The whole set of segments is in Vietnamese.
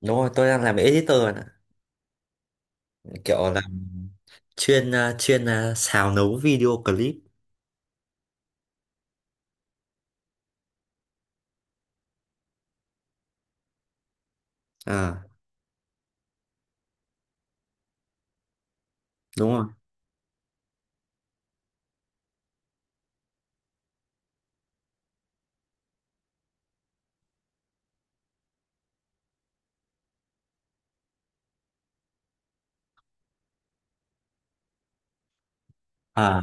Đúng rồi, tôi đang làm editor bạn ạ. Kiểu là chuyên xào nấu video clip. À, đúng rồi. À,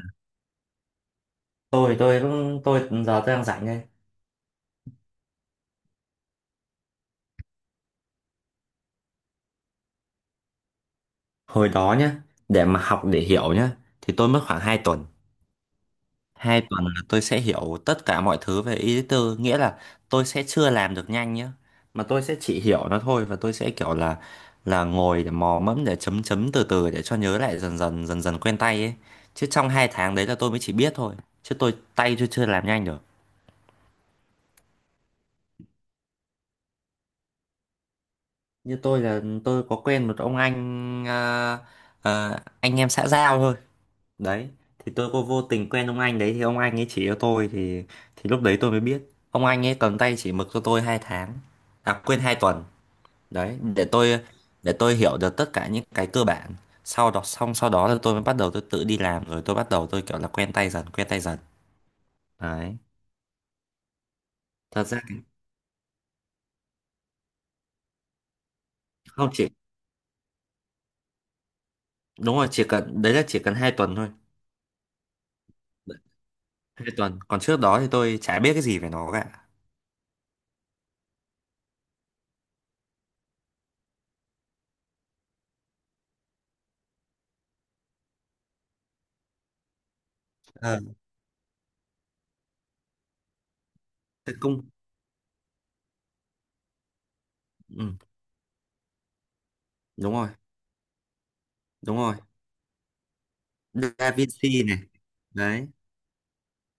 tôi cũng giờ tôi đang rảnh đây. Hồi đó nhá, để mà học để hiểu nhá thì tôi mất khoảng 2 tuần. 2 tuần là tôi sẽ hiểu tất cả mọi thứ về editor, nghĩa là tôi sẽ chưa làm được nhanh nhá, mà tôi sẽ chỉ hiểu nó thôi và tôi sẽ kiểu là ngồi để mò mẫm để chấm chấm từ từ để cho nhớ lại dần dần dần dần quen tay ấy. Chứ trong 2 tháng đấy là tôi mới chỉ biết thôi, chứ tay tôi chưa làm nhanh được. Như tôi là tôi có quen một ông anh à, anh em xã giao thôi. Đấy, thì tôi có vô tình quen ông anh đấy thì ông anh ấy chỉ cho tôi, thì lúc đấy tôi mới biết ông anh ấy cầm tay chỉ mực cho tôi 2 tháng, à quên, 2 tuần đấy, để tôi hiểu được tất cả những cái cơ bản, sau đó là tôi mới bắt đầu tôi tự đi làm, rồi tôi bắt đầu tôi kiểu là quen tay dần quen tay dần. Đấy, thật ra thì không chỉ, đúng rồi, chỉ cần đấy, là chỉ cần 2 tuần thôi. Đấy, 2 tuần còn trước đó thì tôi chả biết cái gì về nó cả. Ờ, cái công ừ, đúng rồi, đúng rồi. Da Vinci này. Đấy,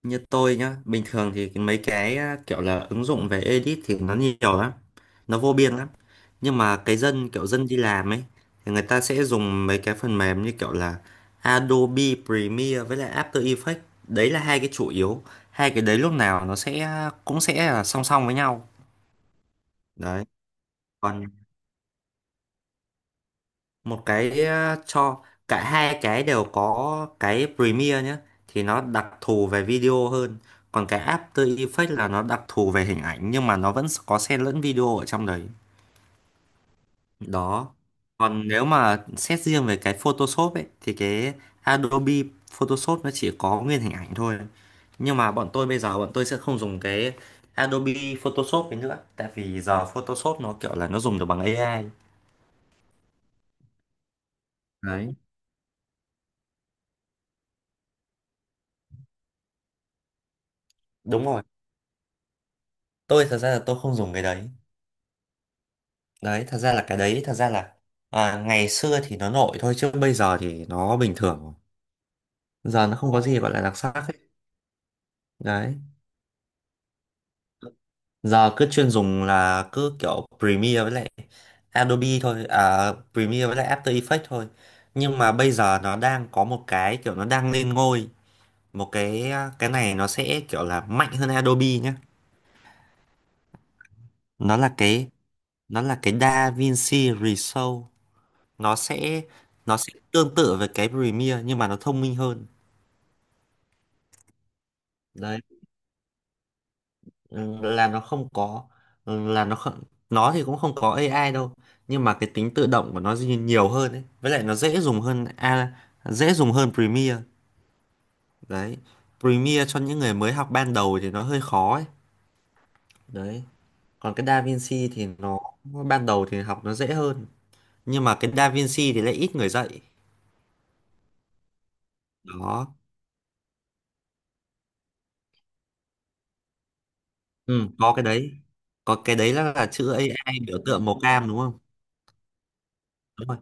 như tôi nhá, bình thường thì mấy cái kiểu là ứng dụng về edit thì nó nhiều lắm, nó vô biên lắm, nhưng mà cái dân kiểu dân đi làm ấy thì người ta sẽ dùng mấy cái phần mềm như kiểu là Adobe Premiere với lại After Effects. Đấy là hai cái chủ yếu. Hai cái đấy lúc nào nó sẽ cũng sẽ là song song với nhau. Đấy, còn một cái cho cả hai cái đều có, cái Premiere nhé, thì nó đặc thù về video hơn, còn cái After Effects là nó đặc thù về hình ảnh nhưng mà nó vẫn có xen lẫn video ở trong đấy. Đó, còn nếu mà xét riêng về cái Photoshop ấy thì cái Adobe Photoshop nó chỉ có nguyên hình ảnh thôi, nhưng mà bọn tôi bây giờ bọn tôi sẽ không dùng cái Adobe Photoshop ấy nữa, tại vì giờ Photoshop nó kiểu là nó dùng được bằng AI. Đấy, đúng rồi, tôi thật ra là tôi không dùng cái đấy. Đấy, thật ra là à, ngày xưa thì nó nổi thôi, chứ bây giờ thì nó bình thường rồi, giờ nó không có gì gọi là đặc sắc ấy. Đấy, giờ cứ chuyên dùng là cứ kiểu Premiere với lại Adobe thôi, à, Premiere với lại After Effects thôi. Nhưng mà bây giờ nó đang có một cái kiểu nó đang lên ngôi, một cái cái này nó sẽ kiểu là mạnh hơn Adobe nhé. Nó là cái nó là cái DaVinci Resolve. Nó sẽ nó sẽ tương tự với cái Premiere nhưng mà nó thông minh hơn. Đấy, là nó không có, ừ, là nó không, nó thì cũng không có AI đâu, nhưng mà cái tính tự động của nó dĩ nhiên nhiều hơn ấy, với lại nó dễ dùng hơn, a, dễ dùng hơn Premiere. Đấy, Premiere cho những người mới học ban đầu thì nó hơi khó ấy. Đấy, còn cái DaVinci thì nó ban đầu thì học nó dễ hơn, nhưng mà cái DaVinci thì lại ít người dạy. Đó, ừ, có cái đấy là chữ AI, biểu tượng màu cam đúng không? Đúng rồi.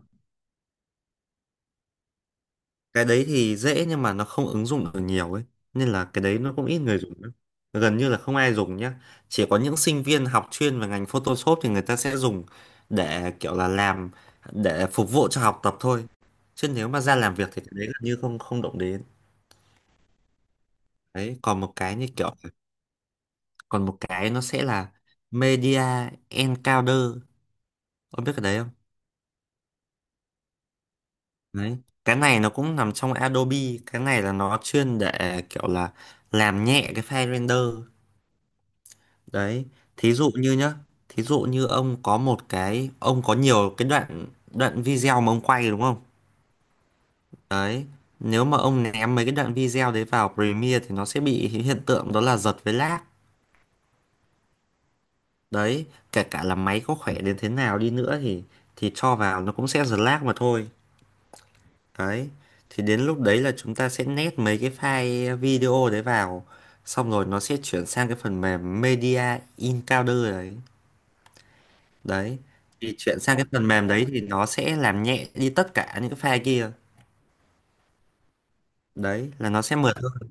Cái đấy thì dễ nhưng mà nó không ứng dụng được nhiều ấy, nên là cái đấy nó cũng ít người dùng lắm. Gần như là không ai dùng nhá, chỉ có những sinh viên học chuyên về ngành Photoshop thì người ta sẽ dùng để kiểu là làm, để phục vụ cho học tập thôi, chứ nếu mà ra làm việc thì cái đấy gần như không không động đến. Đấy, còn một cái nó sẽ là Media Encoder, ông biết cái đấy không? Đấy, cái này nó cũng nằm trong Adobe. Cái này là nó chuyên để kiểu là làm nhẹ cái file render. Đấy, thí dụ như nhá, thí dụ như ông có một cái, ông có nhiều cái đoạn đoạn video mà ông quay đúng không? Đấy, nếu mà ông ném mấy cái đoạn video đấy vào Premiere thì nó sẽ bị hiện tượng đó là giật với lag. Đấy, kể cả là máy có khỏe đến thế nào đi nữa thì cho vào nó cũng sẽ giật lag mà thôi. Đấy, thì đến lúc đấy là chúng ta sẽ nét mấy cái file video đấy vào, xong rồi nó sẽ chuyển sang cái phần mềm Media Encoder đấy. Đấy, thì chuyển sang cái phần mềm đấy thì nó sẽ làm nhẹ đi tất cả những cái file kia. Đấy là nó sẽ mượt hơn.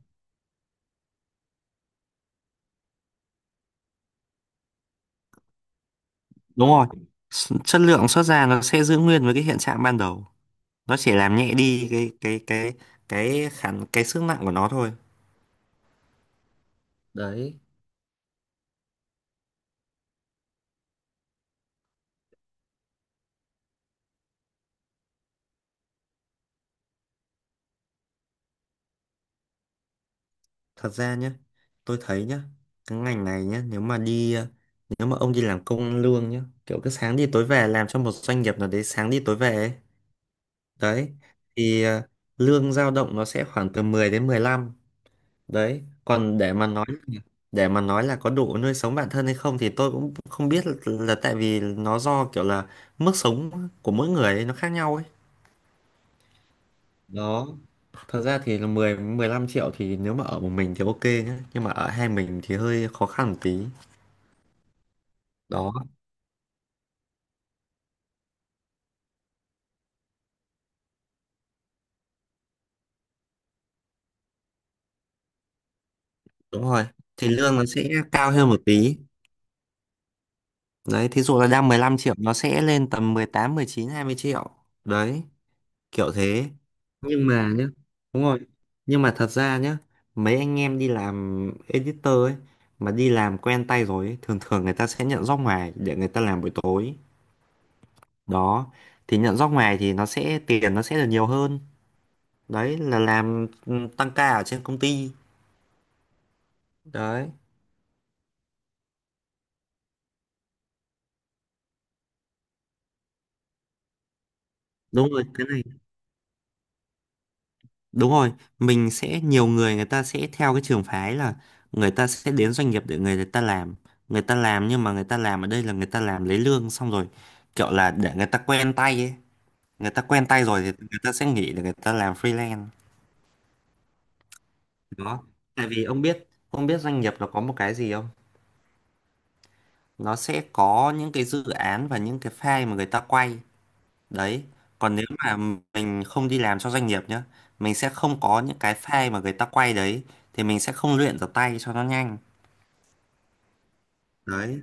Đúng rồi, chất lượng xuất ra nó sẽ giữ nguyên với cái hiện trạng ban đầu. Nó chỉ làm nhẹ đi cái sức nặng của nó thôi. Đấy, thật ra nhá, tôi thấy nhá, cái ngành này nhá, nếu mà nếu mà ông đi làm công ăn lương nhá, kiểu cứ sáng đi tối về làm cho một doanh nghiệp nào đấy, sáng đi tối về ấy. Đấy, thì lương dao động nó sẽ khoảng từ 10 đến 15. Đấy còn để mà nói, là có đủ nuôi sống bản thân hay không thì tôi cũng không biết, là tại vì nó do kiểu là mức sống của mỗi người ấy, nó khác nhau ấy. Đó, thật ra thì là mười mười 15 triệu, thì nếu mà ở một mình thì ok nhá, nhưng mà ở hai mình thì hơi khó khăn một tí. Đó, đúng rồi, thì lương nó sẽ cao hơn một tí. Đấy, thí dụ là đang 15 triệu nó sẽ lên tầm mười 18 19 20 triệu. Đấy kiểu thế. Nhưng mà nhá, đúng rồi, nhưng mà thật ra nhá, mấy anh em đi làm editor ấy, mà đi làm quen tay rồi ấy, thường thường người ta sẽ nhận job ngoài để người ta làm buổi tối. Đó, thì nhận job ngoài thì nó sẽ tiền nó sẽ được nhiều hơn. Đấy là làm tăng ca ở trên công ty. Đấy đúng rồi, cái này. Đúng rồi, mình sẽ, nhiều người người ta sẽ theo cái trường phái là người ta sẽ đến doanh nghiệp để người ta làm. Người ta làm, nhưng mà người ta làm ở đây là người ta làm lấy lương xong rồi kiểu là để người ta quen tay ấy. Người ta quen tay rồi thì người ta sẽ nghỉ để người ta làm freelance. Đó. Tại vì ông biết doanh nghiệp nó có một cái gì không? Nó sẽ có những cái dự án và những cái file mà người ta quay. Đấy. Còn nếu mà mình không đi làm cho doanh nghiệp nhá, mình sẽ không có những cái file mà người ta quay đấy, thì mình sẽ không luyện được tay cho nó nhanh. Đấy,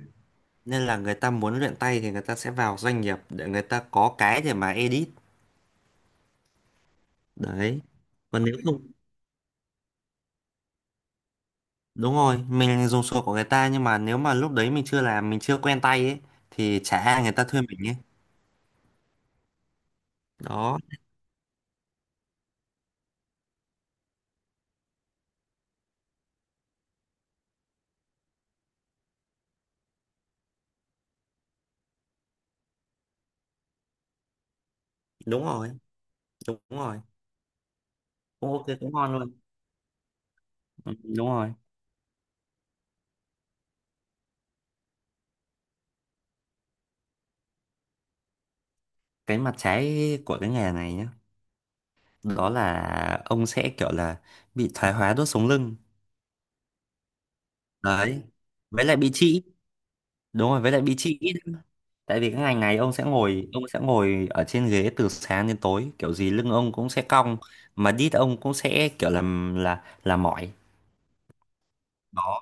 nên là người ta muốn luyện tay thì người ta sẽ vào doanh nghiệp để người ta có cái để mà edit. Đấy, còn nếu không, đúng rồi, mình dùng sổ của người ta, nhưng mà nếu mà lúc đấy mình chưa làm, mình chưa quen tay ấy thì chả ai người ta thuê mình ấy. Đó, đúng rồi, đúng rồi, cũng ok, cũng ngon luôn. Ừ, đúng rồi. Cái mặt trái của cái nghề này nhá, đó là ông sẽ kiểu là bị thoái hóa đốt sống lưng. Đấy, với lại bị trĩ. Đúng rồi, với lại bị trĩ. Tại vì cái ngành này ông sẽ ngồi, ông sẽ ngồi ở trên ghế từ sáng đến tối, kiểu gì lưng ông cũng sẽ cong, mà đít ông cũng sẽ kiểu làm là mỏi. Đó.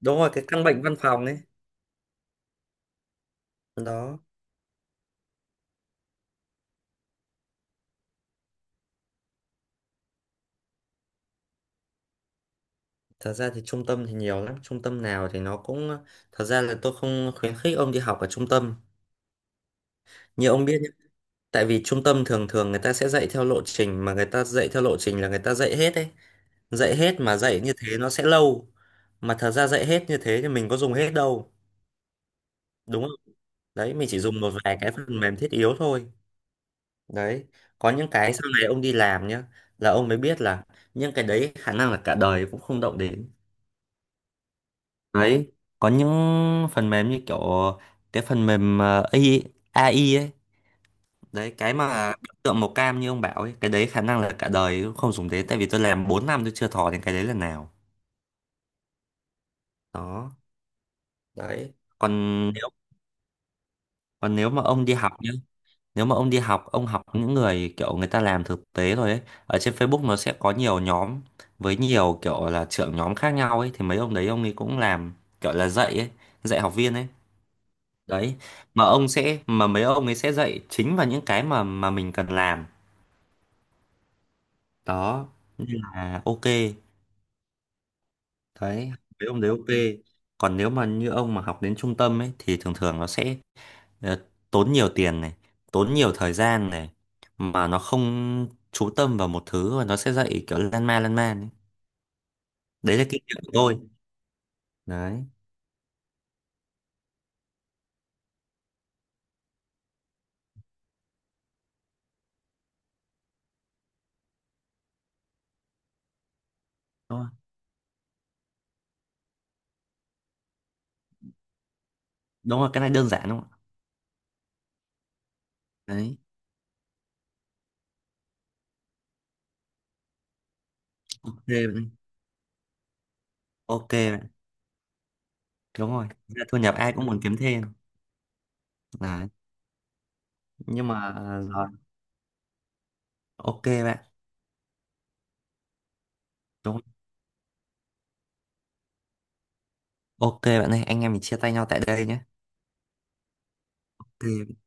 Đúng rồi, cái căn bệnh văn phòng ấy. Đó. Thật ra thì trung tâm thì nhiều lắm. Trung tâm nào thì nó cũng... Thật ra là tôi không khuyến khích ông đi học ở trung tâm. Như ông biết nhá. Tại vì trung tâm thường thường người ta sẽ dạy theo lộ trình. Mà người ta dạy theo lộ trình là người ta dạy hết ấy. Dạy hết mà dạy như thế nó sẽ lâu. Mà thật ra dạy hết như thế thì mình có dùng hết đâu, đúng không? Đấy, mình chỉ dùng một vài cái phần mềm thiết yếu thôi. Đấy, có những cái sau này ông đi làm nhá, là ông mới biết là những cái đấy khả năng là cả đời cũng không động đến. Đấy, có những phần mềm như kiểu cái phần mềm a i ấy. Đấy, cái mà biểu tượng màu cam như ông bảo ấy, cái đấy khả năng là cả đời cũng không dùng đến, tại vì tôi làm 4 năm tôi chưa thò đến cái đấy lần nào. Đó. Đấy. Còn nếu còn nếu mà ông đi học nhá, nếu mà ông đi học, ông học những người kiểu người ta làm thực tế rồi ấy, ở trên Facebook nó sẽ có nhiều nhóm với nhiều kiểu là trưởng nhóm khác nhau ấy, thì mấy ông đấy ông ấy cũng làm kiểu là dạy ấy, dạy học viên ấy. Đấy, mà ông sẽ, mà mấy ông ấy sẽ dạy chính vào những cái mà mình cần làm. Đó, nên là ok. Đấy, mấy ông đấy ok. Còn nếu mà như ông mà học đến trung tâm ấy thì thường thường nó sẽ ờ, tốn nhiều tiền này, tốn nhiều thời gian này, mà nó không chú tâm vào một thứ và nó sẽ dạy kiểu lan man ấy. Đấy là kinh nghiệm của tôi. Đấy, đúng rồi. Đúng rồi, cái này đơn giản đúng không ạ? Đấy. Ok bạn. Ok bạn. Đúng rồi, thực ra thu nhập ai cũng muốn kiếm thêm. Đấy, nhưng mà rồi. Ok bạn. Đúng rồi. Ok bạn ơi, anh em mình chia tay nhau tại đây nhé. Ok.